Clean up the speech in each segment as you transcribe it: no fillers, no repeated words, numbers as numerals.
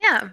Yeah.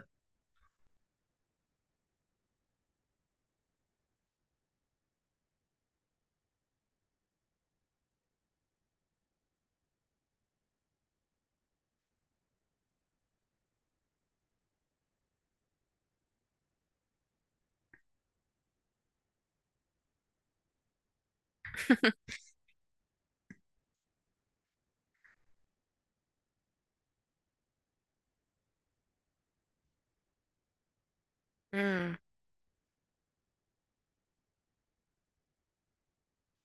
Mm,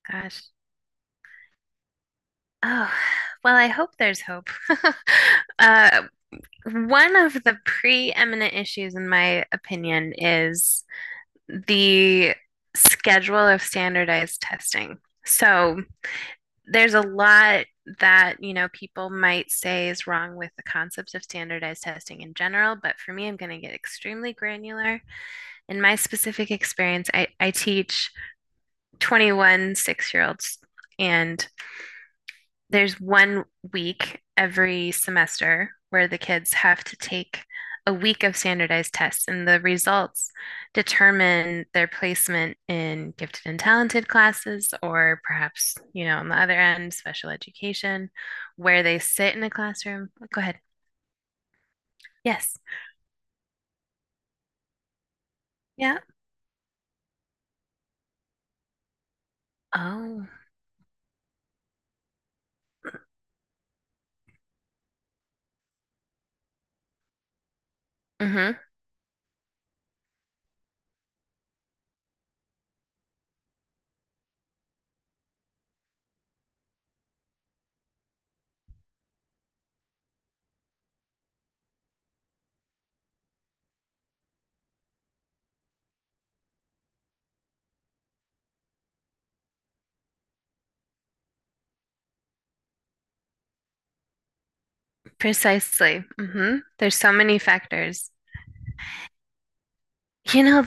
gosh. Oh, well, I hope there's hope. Uh, one of the preeminent issues, in my opinion, is the schedule of standardized testing. So there's a lot that, you know, people might say is wrong with the concepts of standardized testing in general, but for me, I'm going to get extremely granular. In my specific experience, I teach 21 six-year-olds, and there's one week every semester where the kids have to take a week of standardized tests, and the results determine their placement in gifted and talented classes, or perhaps, you know, on the other end, special education, where they sit in a classroom. Go ahead. Yes. Yeah. Oh. Mm-hmm. Precisely. Mm-hmm. There's so many factors. You know,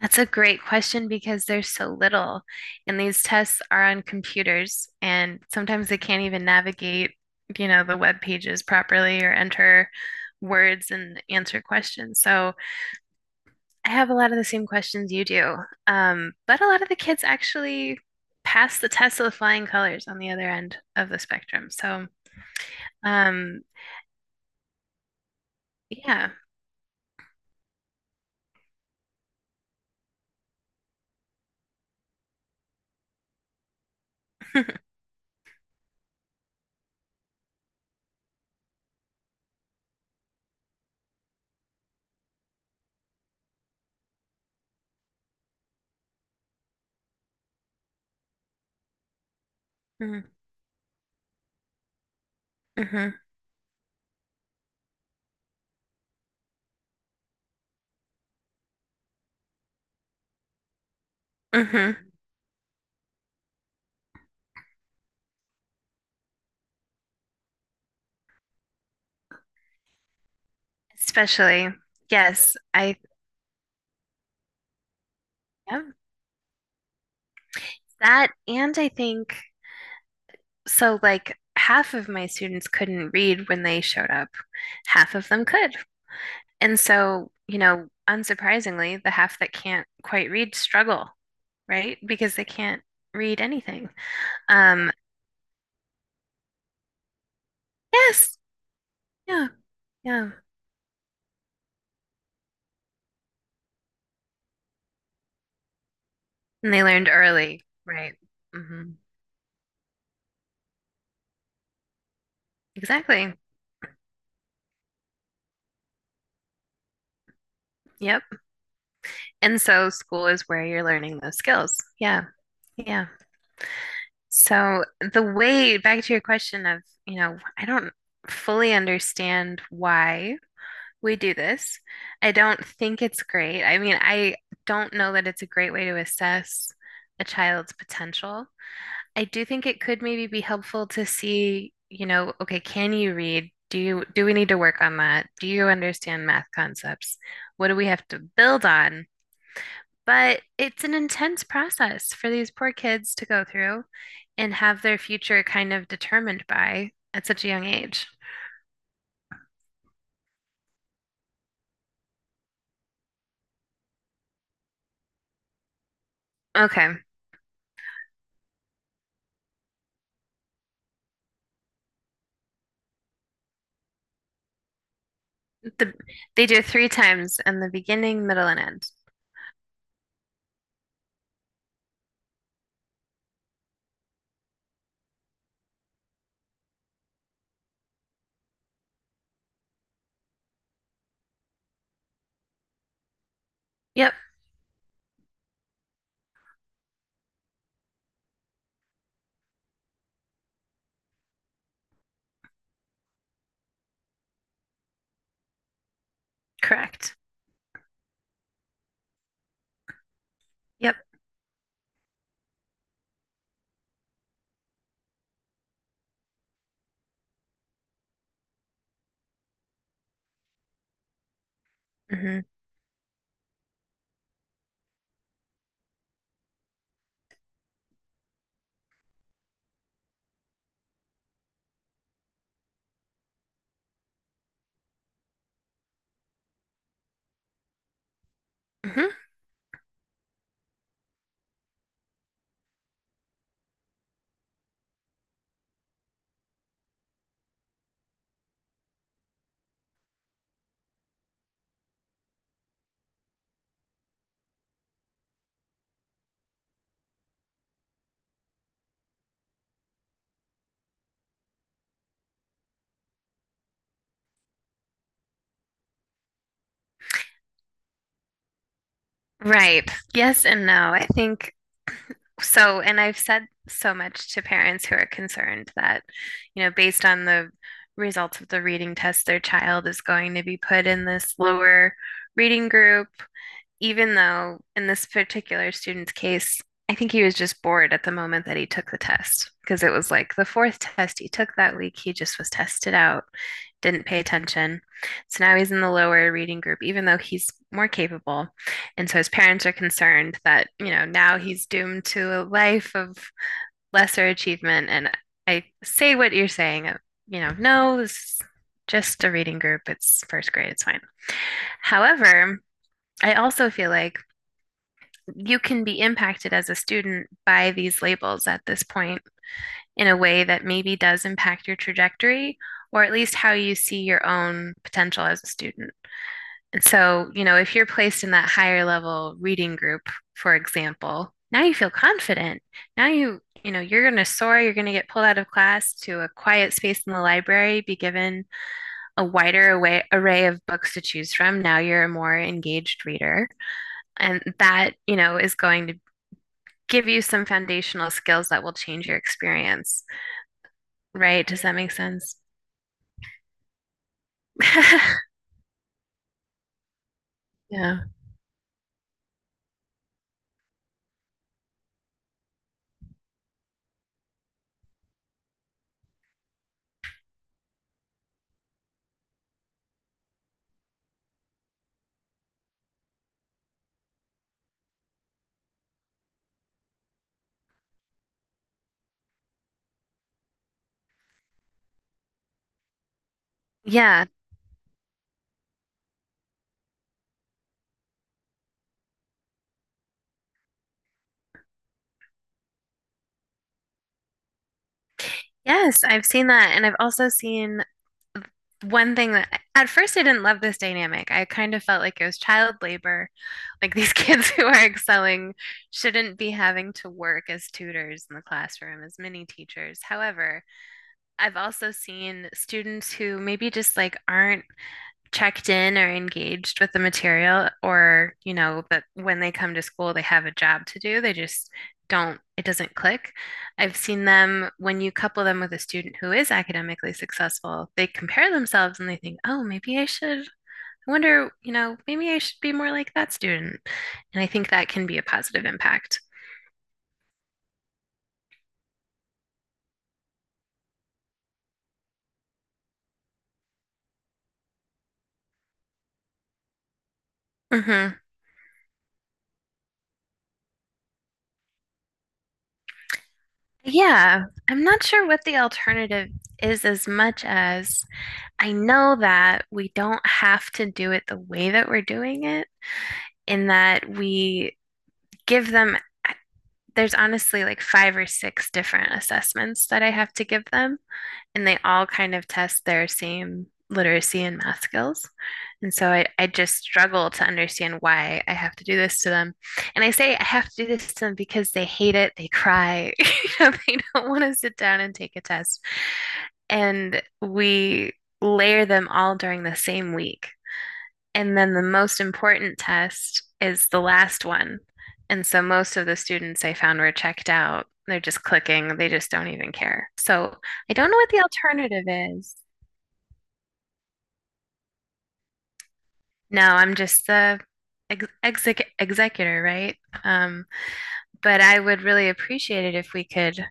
that's a great question because there's so little, and these tests are on computers, and sometimes they can't even navigate, you know, the web pages properly or enter words and answer questions. So I have a lot of the same questions you do, but a lot of the kids actually pass the test with flying colors on the other end of the spectrum. Um, yeah. Mm-hmm. Hmm. Especially yes, I, yeah, that, and I think. So, like, half of my students couldn't read when they showed up, half of them could. And so, you know, unsurprisingly, the half that can't quite read struggle, right? Because they can't read anything. Um, yes, yeah, yeah. And they learned early, right? Hmm. Exactly. Yep. And so, school is where you're learning those skills. Yeah, yeah. So, the way back to your question of, you know, I don't fully understand why we do this. I don't think it's great. I mean, I don't know that it's a great way to assess a child's potential. I do think it could maybe be helpful to see, you know, okay, can you read? Do you do we need to work on that? Do you understand math concepts? What do we have to build on? But it's an intense process for these poor kids to go through and have their future kind of determined by at such a young age. Okay. The they do three times in the beginning, middle, and end. Yep, correct. Yep. Hmm. Hmm. Right. Yes and no. I think so, and I've said so much to parents who are concerned that, you know, based on the results of the reading test, their child is going to be put in this lower reading group even though in this particular student's case, I think he was just bored at the moment that he took the test because it was like the fourth test he took that week. He just was tested out, didn't pay attention. So now he's in the lower reading group, even though he's more capable. And so his parents are concerned that, you know, now he's doomed to a life of lesser achievement. And I say what you're saying, you know, no, it's just a reading group. It's first grade. It's fine. However, I also feel like you can be impacted as a student by these labels at this point in a way that maybe does impact your trajectory or at least how you see your own potential as a student. And so, you know, if you're placed in that higher level reading group, for example, now you feel confident. Now you know, you're going to soar, you're going to get pulled out of class to a quiet space in the library, be given a wider array of books to choose from. Now you're a more engaged reader. And that, you know, is going to give you some foundational skills that will change your experience, right? Does that make sense? Yeah. Yeah. Yes, I've seen that. And I've also seen one thing that at first I didn't love this dynamic. I kind of felt like it was child labor. Like these kids who are excelling shouldn't be having to work as tutors in the classroom, as mini teachers. However, I've also seen students who maybe just like aren't checked in or engaged with the material, or you know, that when they come to school they have a job to do, they just don't it doesn't click. I've seen them when you couple them with a student who is academically successful, they compare themselves and they think, oh, maybe I wonder, you know, maybe I should be more like that student. And I think that can be a positive impact. Mm-hmm. Yeah, I'm not sure what the alternative is as much as I know that we don't have to do it the way that we're doing it, in that give them, there's honestly like five or six different assessments that I have to give them, and they all kind of test their same literacy and math skills. And so I just struggle to understand why I have to do this to them. And I say I have to do this to them because they hate it, they cry, you know, they don't want to sit down and take a test. And we layer them all during the same week. And then the most important test is the last one. And so most of the students I found were checked out. They're just clicking, they just don't even care. So I don't know what the alternative is. No, I'm just the executor, right? Um, but I would really appreciate it if we could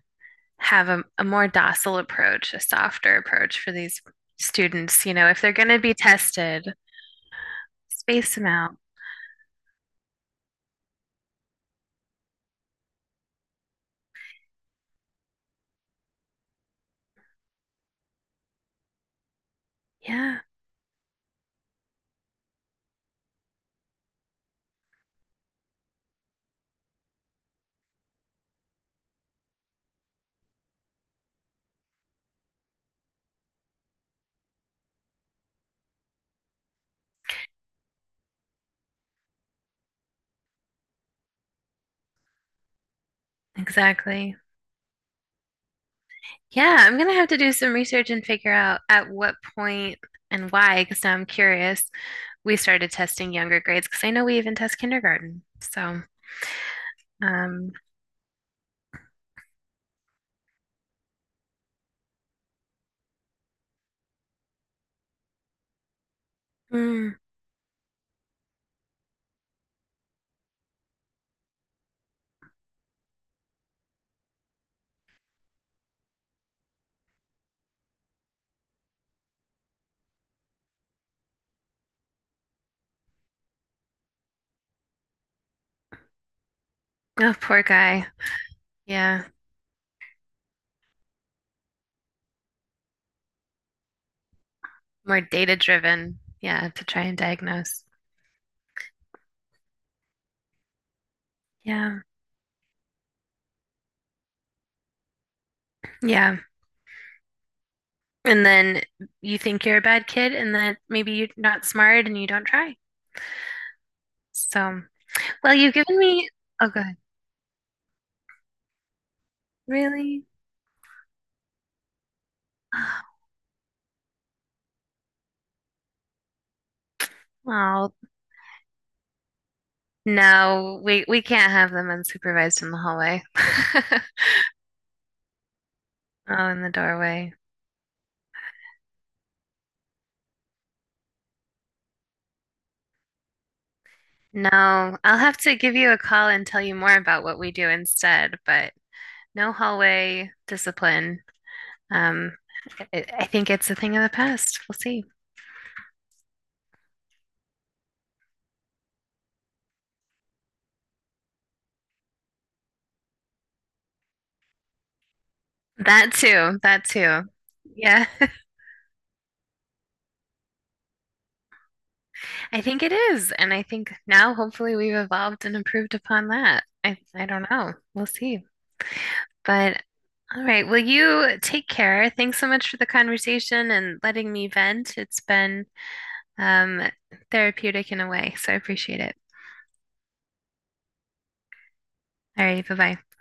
have a more docile approach, a softer approach for these students. You know, if they're going to be tested, space them out. Yeah, exactly. Yeah, I'm gonna have to do some research and figure out at what point and why, because I'm curious. We started testing younger grades because I know we even test kindergarten. Um, mm, oh, poor guy. Yeah, more data driven. Yeah, to try and diagnose. Yeah, yeah. And then you think you're a bad kid, and that maybe you're not smart and you don't try. So, well, you've given me. Oh, good. Really? Wow. No, we can't have them unsupervised in the hallway. Oh, in the doorway. No, I'll have to give you a call and tell you more about what we do instead, but no hallway discipline. Um, I think it's a thing of the past. We'll see. That too, that too. Yeah, I think it is. And I think now hopefully we've evolved and improved upon that. I don't know. We'll see. But all right. Well, you take care. Thanks so much for the conversation and letting me vent. It's been um, therapeutic in a way, so I appreciate it. All right. Bye bye.